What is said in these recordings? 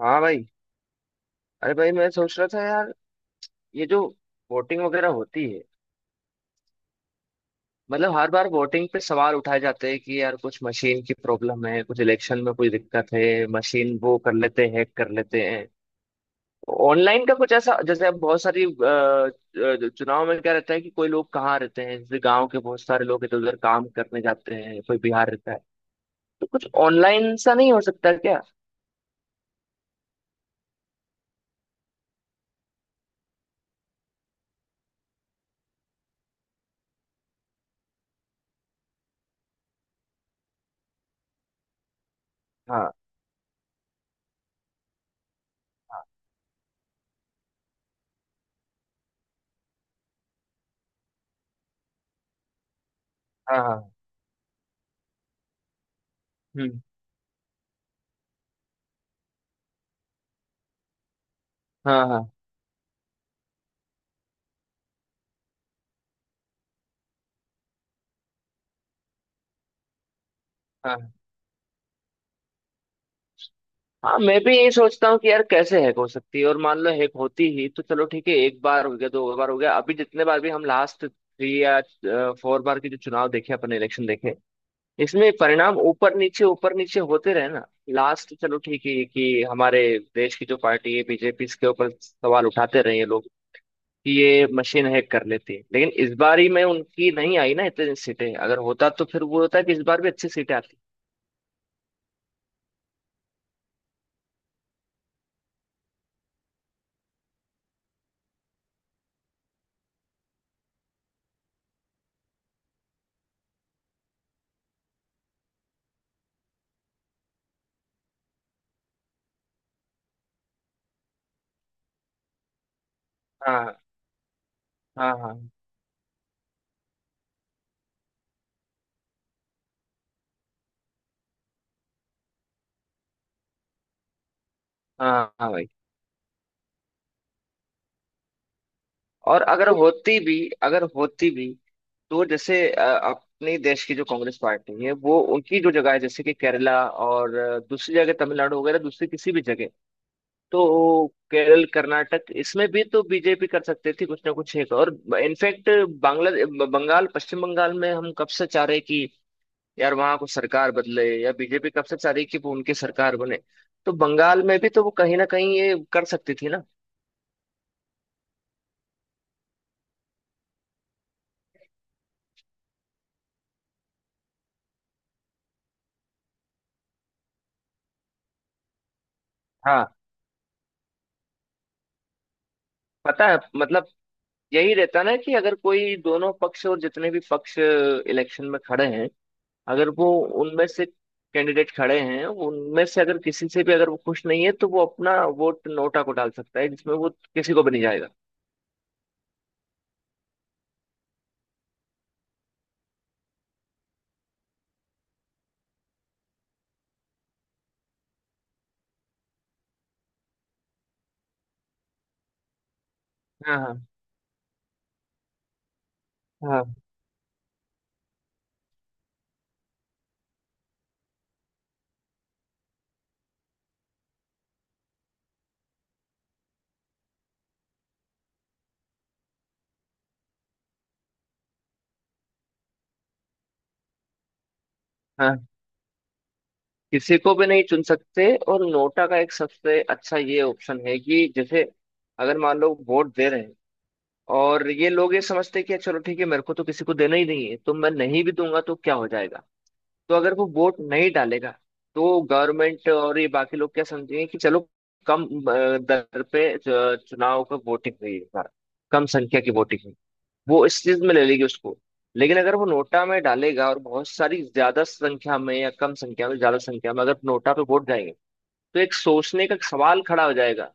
हाँ भाई। अरे भाई, मैं सोच रहा था यार, ये जो वोटिंग वगैरह होती है, मतलब हर बार वोटिंग पे सवाल उठाए जाते हैं कि यार कुछ मशीन की प्रॉब्लम है, कुछ इलेक्शन में कोई दिक्कत है, मशीन वो कर लेते हैं, हैक कर लेते हैं। ऑनलाइन का कुछ ऐसा जैसे अब बहुत सारी चुनाव में क्या रहता है कि कोई लोग कहाँ रहते हैं, जैसे गांव के बहुत सारे लोग इधर उधर काम करने जाते हैं, कोई बिहार रहता है, तो कुछ ऑनलाइन सा नहीं हो सकता क्या? हाँ हाँ हाँ। हाँ। हम्म। हाँ हाँ हाँ। हाँ, मैं भी यही सोचता हूँ कि यार कैसे हैक हो सकती है, और मान लो हैक होती ही, तो चलो ठीक है, एक बार हो गया, दो बार हो गया, अभी जितने बार भी हम लास्ट थ्री या फोर बार के जो चुनाव देखे, अपने इलेक्शन देखे, इसमें परिणाम ऊपर नीचे होते रहे ना। लास्ट चलो ठीक है कि हमारे देश की जो पार्टी है बीजेपी, इसके ऊपर सवाल उठाते रहे हैं लोग कि ये मशीन हैक कर लेती है, लेकिन इस बार ही में उनकी नहीं आई ना इतनी सीटें। अगर होता तो फिर वो होता कि इस बार भी अच्छी सीटें आती। हाँ हाँ हाँ हाँ। हाँ भाई, और अगर होती भी, अगर होती भी, तो जैसे अपने देश की जो कांग्रेस पार्टी है, वो उनकी जो जगह है, जैसे कि केरला और दूसरी जगह तमिलनाडु वगैरह, दूसरी किसी भी जगह, तो केरल कर्नाटक इसमें भी तो बीजेपी कर सकती थी कुछ ना कुछ एक और। इनफैक्ट बांग्ला बंगाल पश्चिम बंगाल में हम कब से चाह रहे कि यार वहां को सरकार बदले, या बीजेपी कब से चाह रही कि वो उनकी सरकार बने, तो बंगाल में भी तो वो कहीं ना कहीं ये कर सकती थी ना। हाँ। पता है, मतलब यही रहता ना कि अगर कोई दोनों पक्ष और जितने भी पक्ष इलेक्शन में खड़े हैं, अगर वो उनमें से कैंडिडेट खड़े हैं, उनमें से अगर किसी से भी अगर वो खुश नहीं है, तो वो अपना वोट नोटा को डाल सकता है, जिसमें वो किसी को भी नहीं जाएगा। हाँ हाँ हाँ हाँ। किसी को भी नहीं चुन सकते, और नोटा का एक सबसे अच्छा ये ऑप्शन है कि जैसे अगर मान लो वोट दे रहे हैं, और ये लोग ये समझते हैं कि चलो ठीक है, मेरे को तो किसी को देना ही नहीं है, तो मैं नहीं भी दूंगा तो क्या हो जाएगा। तो अगर वो वोट नहीं डालेगा, तो गवर्नमेंट और ये बाकी लोग क्या समझेंगे कि चलो कम दर पे चुनाव का वोटिंग हुई है इस बार, कम संख्या की वोटिंग हुई, वो इस चीज में ले लेगी उसको। लेकिन अगर वो नोटा में डालेगा और बहुत सारी ज्यादा संख्या में, या कम संख्या में, ज्यादा संख्या में अगर नोटा पे वोट जाएंगे, तो एक सोचने का सवाल खड़ा हो जाएगा।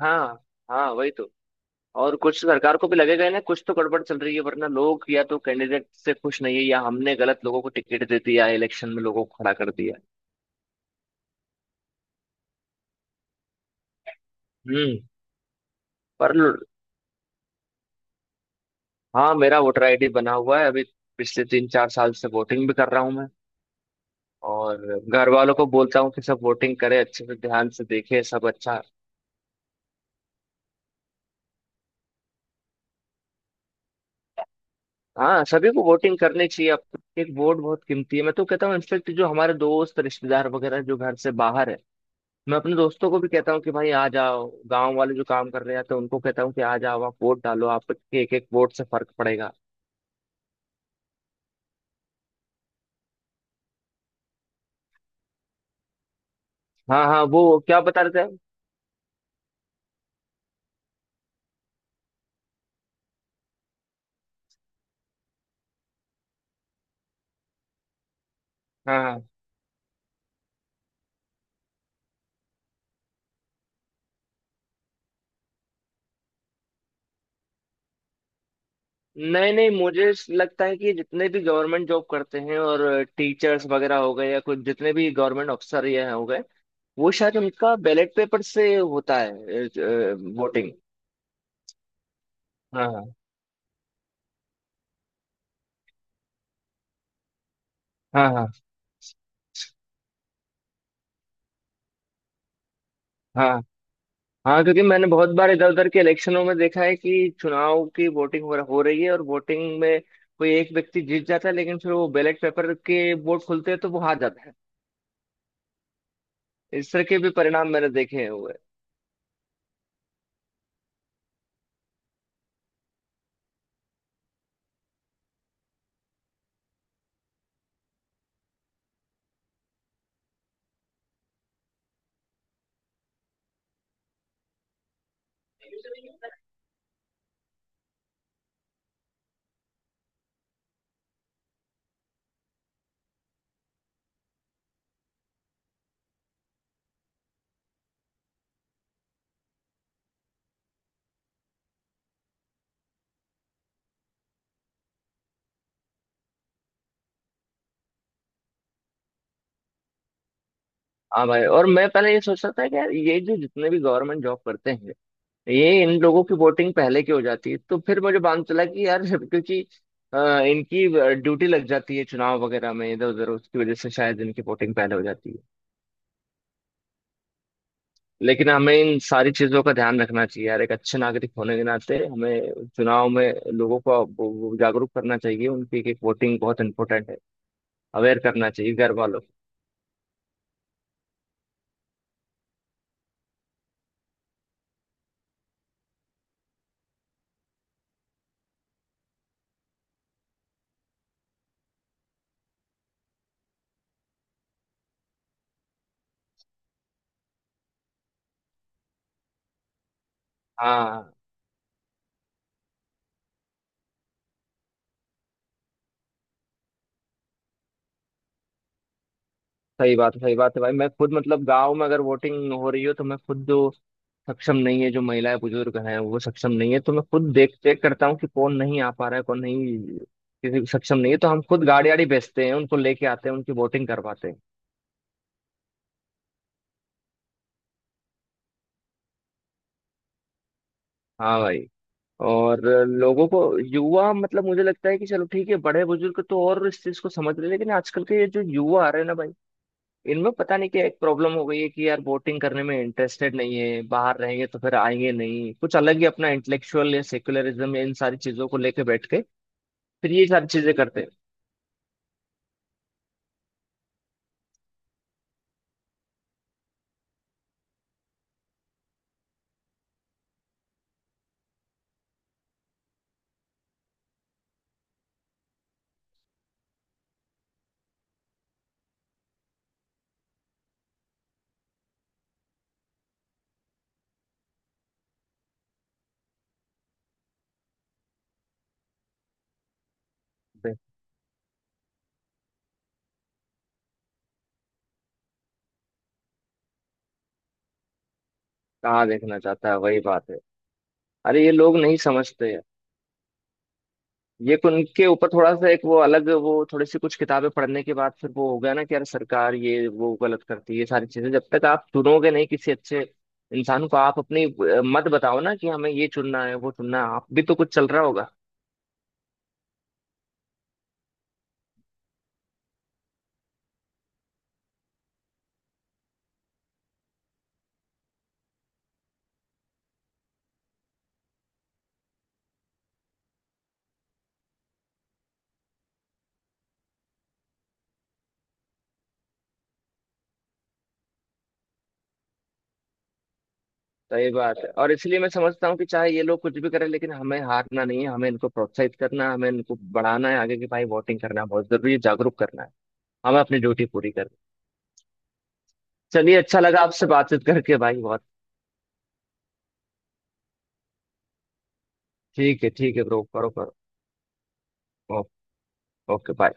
हाँ, हाँ वही तो। और कुछ सरकार को भी लगेगा ही ना, कुछ तो गड़बड़ चल रही है, वरना लोग या तो कैंडिडेट से खुश नहीं है, या हमने गलत लोगों को टिकट दे दिया इलेक्शन में, लोगों को खड़ा कर दिया। हम्म। पर ल- हाँ, मेरा वोटर आईडी बना हुआ है अभी, पिछले तीन चार साल से वोटिंग भी कर रहा हूँ मैं। और घर वालों को बोलता हूँ कि सब वोटिंग करें, अच्छे से ध्यान से देखें सब अच्छा। हाँ, सभी को वोटिंग करनी चाहिए, अब तो एक वोट बहुत कीमती है। मैं तो कहता हूँ इनफेक्ट जो हमारे दोस्त रिश्तेदार वगैरह जो घर से बाहर है, मैं अपने दोस्तों को भी कहता हूँ कि भाई आ जाओ, गांव वाले जो काम कर रहे हैं, तो उनको कहता हूँ कि आ जाओ आप, वोट डालो, आपके एक एक वोट से फर्क पड़ेगा। हाँ हाँ, वो क्या बता रहे थे आप? हाँ हाँ, नहीं नहीं, मुझे लगता है कि जितने भी गवर्नमेंट जॉब करते हैं, और टीचर्स वगैरह हो गए, या कुछ जितने भी गवर्नमेंट अफसर ये हो गए, वो शायद उनका बैलेट पेपर से होता है वोटिंग। हाँ हाँ हाँ। हाँ, हाँ क्योंकि मैंने बहुत बार इधर उधर के इलेक्शनों में देखा है कि चुनाव की वोटिंग हो रही है, और वोटिंग में कोई एक व्यक्ति जीत जाता है, लेकिन फिर वो बैलेट पेपर के वोट खुलते हैं तो वो हार जाता है। इस तरह के भी परिणाम मैंने देखे हुए हैं। हाँ भाई, और मैं पहले ये सोच रहा था कि यार ये जो जितने भी गवर्नमेंट जॉब करते हैं, ये इन लोगों की वोटिंग पहले की हो जाती है। तो फिर मुझे मालूम चला कि यार क्योंकि अ, इनकी ड्यूटी लग जाती है चुनाव वगैरह में इधर उधर, उसकी वजह से शायद इनकी वोटिंग पहले हो जाती है। लेकिन हमें इन सारी चीजों का ध्यान रखना चाहिए यार, एक अच्छे नागरिक होने के नाते हमें चुनाव में लोगों को वो जागरूक करना चाहिए उनकी कि वोटिंग बहुत इंपॉर्टेंट है। अवेयर करना चाहिए घर वालों को। हाँ, सही बात है, सही बात है भाई। मैं खुद मतलब गांव में अगर वोटिंग हो रही हो, तो मैं खुद जो सक्षम नहीं है, जो महिलाएं बुजुर्ग हैं वो सक्षम नहीं है, तो मैं खुद देख देख करता हूँ कि कौन नहीं आ पा रहा है, कौन नहीं। किसी को सक्षम नहीं है तो हम खुद गाड़ी वाड़ी बेचते हैं, उनको लेके आते हैं, उनकी वोटिंग करवाते हैं। हाँ भाई, और लोगों को युवा, मतलब मुझे लगता है कि चलो ठीक है, बड़े बुजुर्ग तो और इस चीज को समझ रहे, लेकिन आजकल के ये जो युवा आ रहे हैं ना भाई, इनमें पता नहीं क्या एक प्रॉब्लम हो गई है कि यार बोटिंग करने में इंटरेस्टेड नहीं है। बाहर रहेंगे तो फिर आएंगे नहीं, कुछ अलग ही अपना इंटेलेक्चुअल या सेक्युलरिज्म या इन सारी चीजों को लेके बैठ के फिर ये सारी चीजें करते हैं। कहाँ देखना चाहता है, वही बात है। अरे ये लोग नहीं समझते ये, कि उनके ऊपर थोड़ा सा एक वो अलग, वो थोड़ी सी कुछ किताबें पढ़ने के बाद फिर वो हो गया ना कि यार सरकार ये वो गलत करती है, ये सारी चीजें। जब तक आप चुनोगे नहीं किसी अच्छे इंसान को, आप अपनी मत बताओ ना कि हमें ये चुनना है, वो चुनना है, आप भी तो कुछ चल रहा होगा। सही बात है, और इसलिए मैं समझता हूँ कि चाहे ये लोग कुछ भी करें, लेकिन हमें हारना नहीं है, हमें इनको प्रोत्साहित करना है, हमें इनको बढ़ाना है आगे की, भाई वोटिंग करना बहुत जरूरी है, जागरूक करना है, हमें अपनी ड्यूटी पूरी करनी है। चलिए, अच्छा लगा आपसे बातचीत करके भाई बहुत। ठीक है, ठीक है ब्रो, करो करो। ओ- ओके, बाय।